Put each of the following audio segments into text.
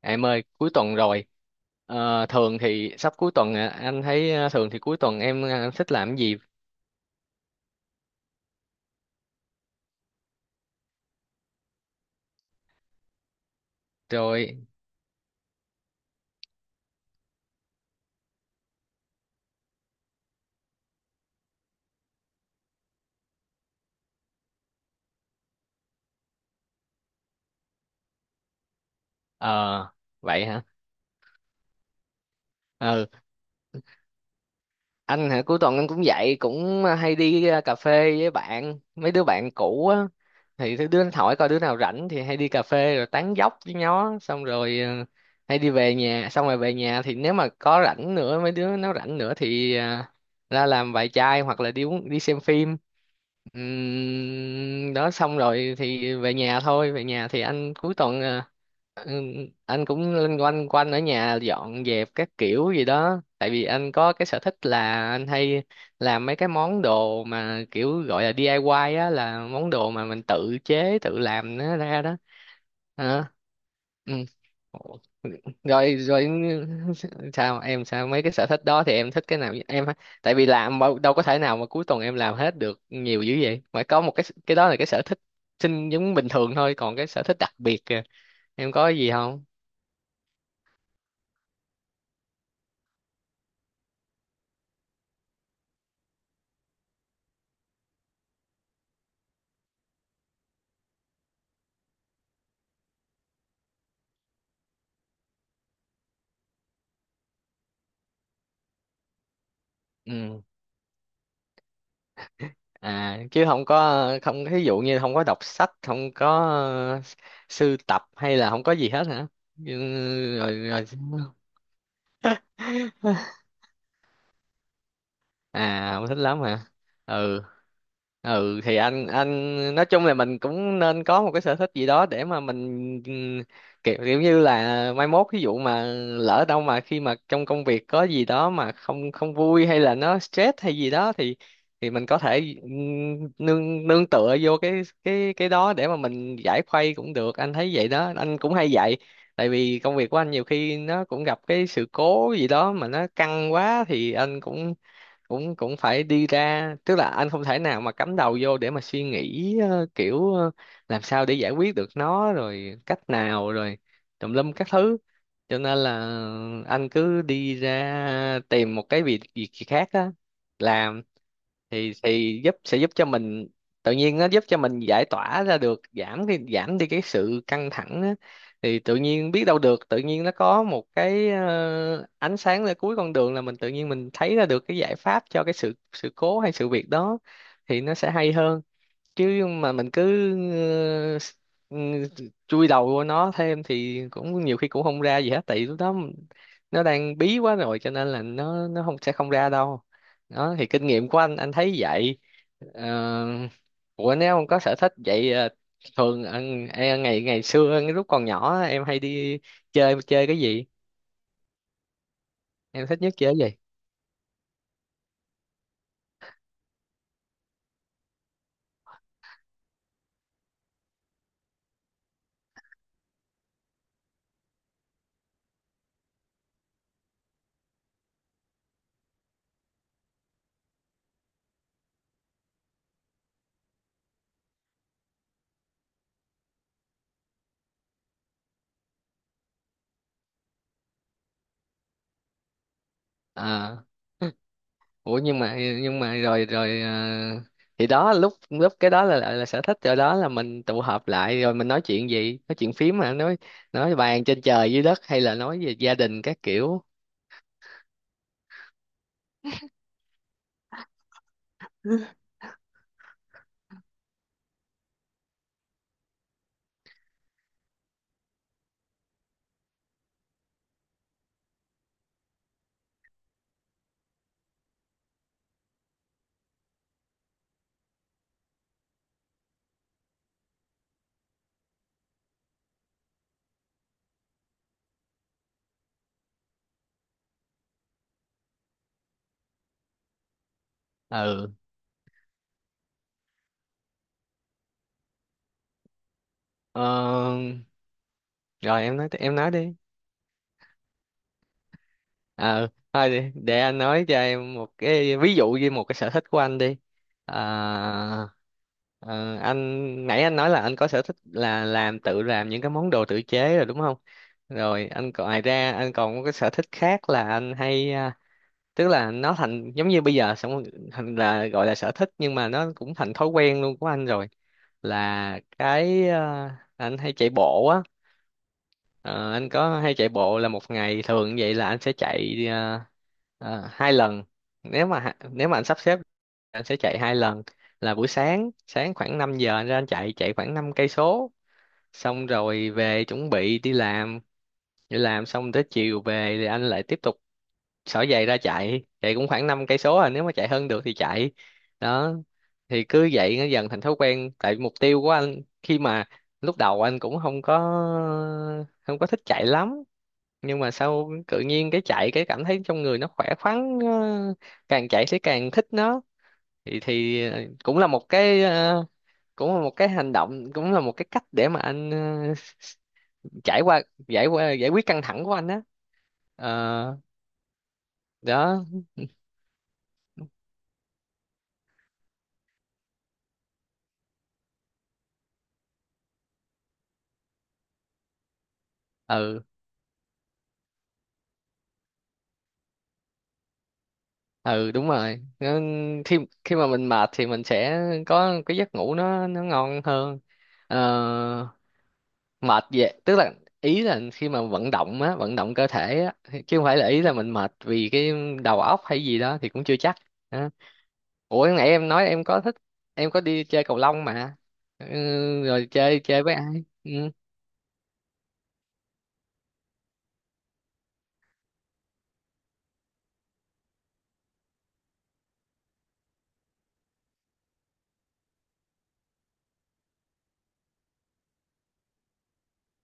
Em ơi, cuối tuần rồi. Thường thì sắp cuối tuần à, anh thấy thường thì cuối tuần em thích làm cái gì? Rồi. ờ Vậy hả? Ừ, anh hả cuối tuần anh cũng vậy, cũng hay đi cà phê với bạn, mấy đứa bạn cũ á, thì thứ đứa nó hỏi coi đứa nào rảnh thì hay đi cà phê rồi tán dóc với nó xong rồi, hay đi về nhà. Xong rồi về nhà thì nếu mà có rảnh nữa, mấy đứa nó rảnh nữa, thì ra làm vài chai hoặc là đi uống, đi xem phim. Đó xong rồi thì về nhà thôi. Về nhà thì anh cuối tuần ừm, anh cũng loanh quanh quanh ở nhà dọn dẹp các kiểu gì đó, tại vì anh có cái sở thích là anh hay làm mấy cái món đồ mà kiểu gọi là DIY á, là món đồ mà mình tự chế tự làm nó ra đó. Hả? Ừm. Ủa, rồi rồi. Sao mấy cái sở thích đó thì em thích cái nào em? Tại vì làm mà đâu có thể nào mà cuối tuần em làm hết được nhiều dữ vậy, phải có một cái đó là cái sở thích sinh giống bình thường thôi, còn cái sở thích đặc biệt kìa, em có cái gì không? Ừ, à, chứ không có, không ví dụ như không có đọc sách, không có ờ, sưu tập, hay là không có gì hết hả? Ừ, rồi rồi. à không thích lắm hả? Ừ. Ừ thì anh nói chung là mình cũng nên có một cái sở thích gì đó để mà mình, ừm, kiểu như là mai mốt ví dụ mà lỡ đâu mà khi mà trong công việc có gì đó mà không không vui hay là nó stress hay gì đó thì, mình có thể nương nương tựa vô cái đó để mà mình giải khuây cũng được. Anh thấy vậy đó, anh cũng hay vậy. Tại vì công việc của anh nhiều khi nó cũng gặp cái sự cố gì đó mà nó căng quá thì anh cũng cũng cũng phải đi ra, tức là anh không thể nào mà cắm đầu vô để mà suy nghĩ làm sao để giải quyết được nó rồi, cách nào rồi, tùm lum các thứ. Cho nên là anh cứ đi ra tìm một cái việc việc gì khác á, làm, thì giúp, sẽ giúp cho mình, tự nhiên nó giúp cho mình giải tỏa ra được, giảm đi cái sự căng thẳng á. Thì tự nhiên biết đâu được, tự nhiên nó có một cái ánh sáng ở cuối con đường, là mình tự nhiên mình thấy ra được cái giải pháp cho cái sự sự cố hay sự việc đó, thì nó sẽ hay hơn. Chứ mà mình cứ ờ, s- ừ, chui đầu vô nó thêm thì cũng nhiều khi cũng không ra gì hết, tại vì lúc đó nó đang bí quá rồi cho nên là nó không, sẽ không ra đâu. Đó thì kinh nghiệm của anh thấy vậy. Ờ, Ủa, nếu ông có sở thích vậy, thường em ngày ngày xưa lúc còn nhỏ em hay đi chơi chơi cái gì, em thích nhất chơi cái gì? À, ủa, nhưng mà rồi rồi, thì đó, lúc lúc cái đó là sở thích rồi. Đó là mình tụ họp lại rồi mình nói chuyện, gì nói chuyện phím, mà nói bàn trên trời dưới đất hay là nói về gia đình các kiểu. Ừ. ờ, Rồi em nói đi. ờ Thôi đi, để anh nói cho em một cái ví dụ về một cái sở thích của anh đi. à, ờ, anh nãy anh nói là anh có sở thích là tự làm những cái món đồ tự chế rồi, đúng không? Rồi anh còn, ngoài ra anh còn có cái sở thích khác là anh hay, tức là nó thành giống như bây giờ. Xong rồi thành, là gọi là sở thích nhưng mà nó cũng thành thói quen luôn của anh rồi, là cái, anh hay chạy bộ. Ờ, anh có hay chạy bộ là một ngày thường vậy là anh sẽ chạy hai lần, nếu mà nếu mà anh sắp xếp anh sẽ chạy hai lần. Là buổi sáng sáng khoảng 5 giờ anh ra anh chạy chạy khoảng 5 cây số, xong rồi về chuẩn bị đi làm. Đi làm xong tới chiều về thì anh lại tiếp tục xỏ giày ra chạy chạy cũng khoảng 5 cây số, nếu mà chạy hơn được thì chạy. Đó, thì cứ vậy nó dần thành thói quen, tại mục tiêu của anh khi mà lúc đầu anh cũng không có thích chạy lắm, nhưng mà sau tự nhiên cái chạy cái cảm thấy trong người nó khỏe khoắn càng chạy thì càng thích nó. Thì Cũng là một cái, cũng là một cái hành động, cũng là một cái cách để mà anh trải qua, giải quyết căng thẳng của anh á. Ờ, đó. Ừ, ừ đúng rồi. Khi khi mà mình mệt thì mình sẽ có cái giấc ngủ nó ngon hơn. Ờ, mệt vậy tức là, ý là khi mà vận động cơ thể á, chứ không phải là, ý là mình mệt vì cái đầu óc hay gì đó thì cũng chưa chắc. Đó. Ủa, nãy em nói em có thích, em có đi chơi cầu lông mà. Ừ, rồi chơi chơi với ai? Ừ.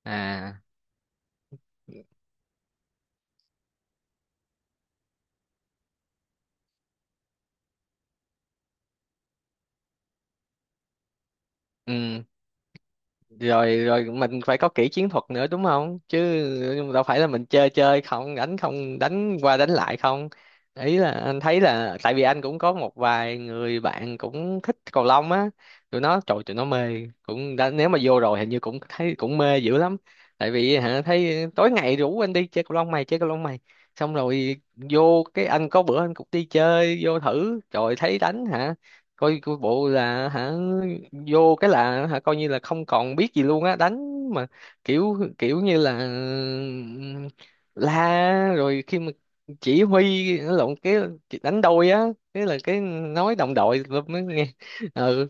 À. Ừ. Rồi rồi, mình phải có kỹ chiến thuật nữa, đúng không? Chứ đâu phải là mình chơi chơi không, đánh không, đánh qua đánh lại không. Ý là anh thấy là, tại vì anh cũng có một vài người bạn cũng thích cầu lông á, tụi nó trời tụi nó mê cũng đã, nếu mà vô rồi hình như cũng thấy cũng mê dữ lắm. Tại vì hả, thấy tối ngày rủ anh đi chơi cầu lông mày, chơi cầu lông mày, xong rồi vô cái anh có bữa anh cũng đi chơi vô thử rồi thấy đánh hả, coi coi bộ là hả, vô cái là hả, coi như là không còn biết gì luôn á, đánh mà kiểu kiểu như là la, rồi khi mà chỉ huy lộn cái đánh đôi á, thế là cái nói đồng đội mới nghe. Ừ.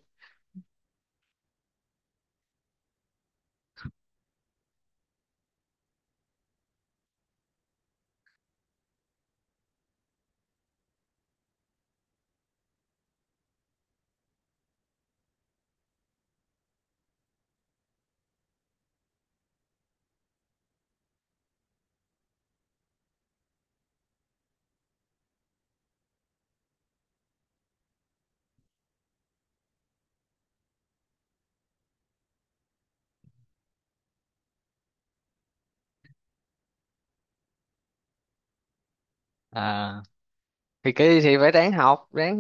À, thì kỳ thì phải ráng học ráng,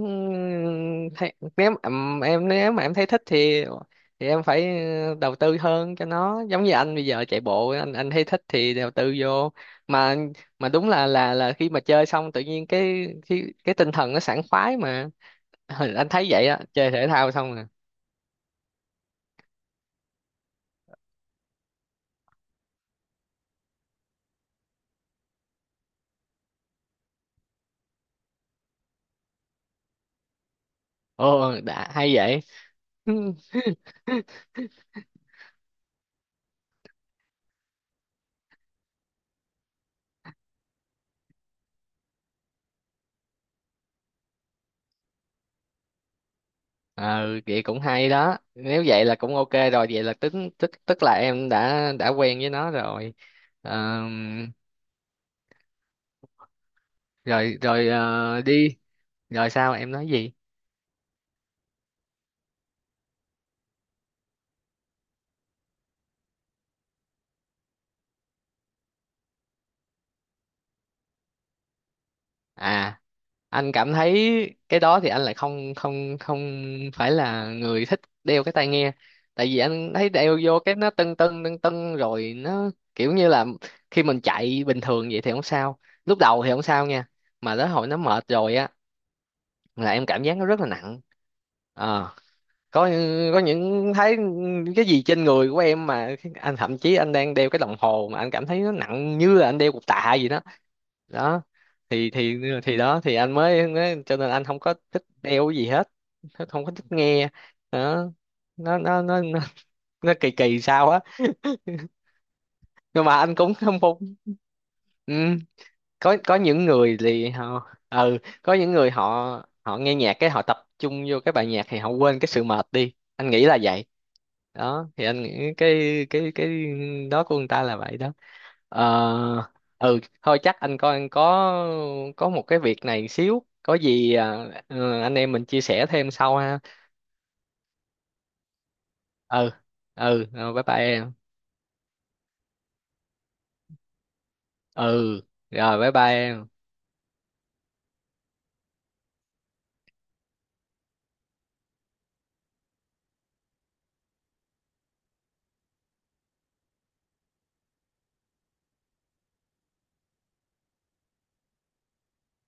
thấy nếu nếu mà em thấy thích thì, em phải đầu tư hơn cho nó, giống như anh bây giờ chạy bộ, anh thấy thích thì đầu tư vô. Mà mà đúng là khi mà chơi xong tự nhiên cái, tinh thần nó sảng khoái mà. Ừ, anh thấy vậy á, chơi thể thao xong rồi. Ồ, đã hay vậy. ờ vậy cũng hay đó, nếu vậy là cũng ok rồi, vậy là tức tức tức là em đã quen với nó rồi. Ờm, Rồi rồi, đi. Rồi sao, em nói gì? À, anh cảm thấy cái đó thì anh lại không không không phải là người thích đeo cái tai nghe. Tại vì anh thấy đeo vô cái nó tưng tưng tưng tưng rồi nó kiểu như là, khi mình chạy bình thường vậy thì không sao, lúc đầu thì không sao nha, mà tới hồi nó mệt rồi á là em cảm giác nó rất là nặng. ờ có có những thấy cái gì trên người của em, mà anh thậm chí anh đang đeo cái đồng hồ mà anh cảm thấy nó nặng như là anh đeo cục tạ gì đó. Đó thì thì thì đó thì anh mới cho nên anh không có thích đeo cái gì hết, không có thích nghe. Đó, nó nó nó nó, nó kỳ kỳ sao á, nhưng mà anh cũng không phục. Ừ. có những người thì họ, có những người họ họ nghe nhạc cái họ tập trung vô cái bài nhạc thì họ quên cái sự mệt đi, anh nghĩ là vậy. Đó thì anh nghĩ cái đó của người ta là vậy đó. Ờ, ừ thôi chắc anh coi anh có một cái việc này xíu, có gì ừ, anh em mình chia sẻ thêm sau ha. Ừ. Ừ rồi, bye bye em. Ừ rồi, bye bye em.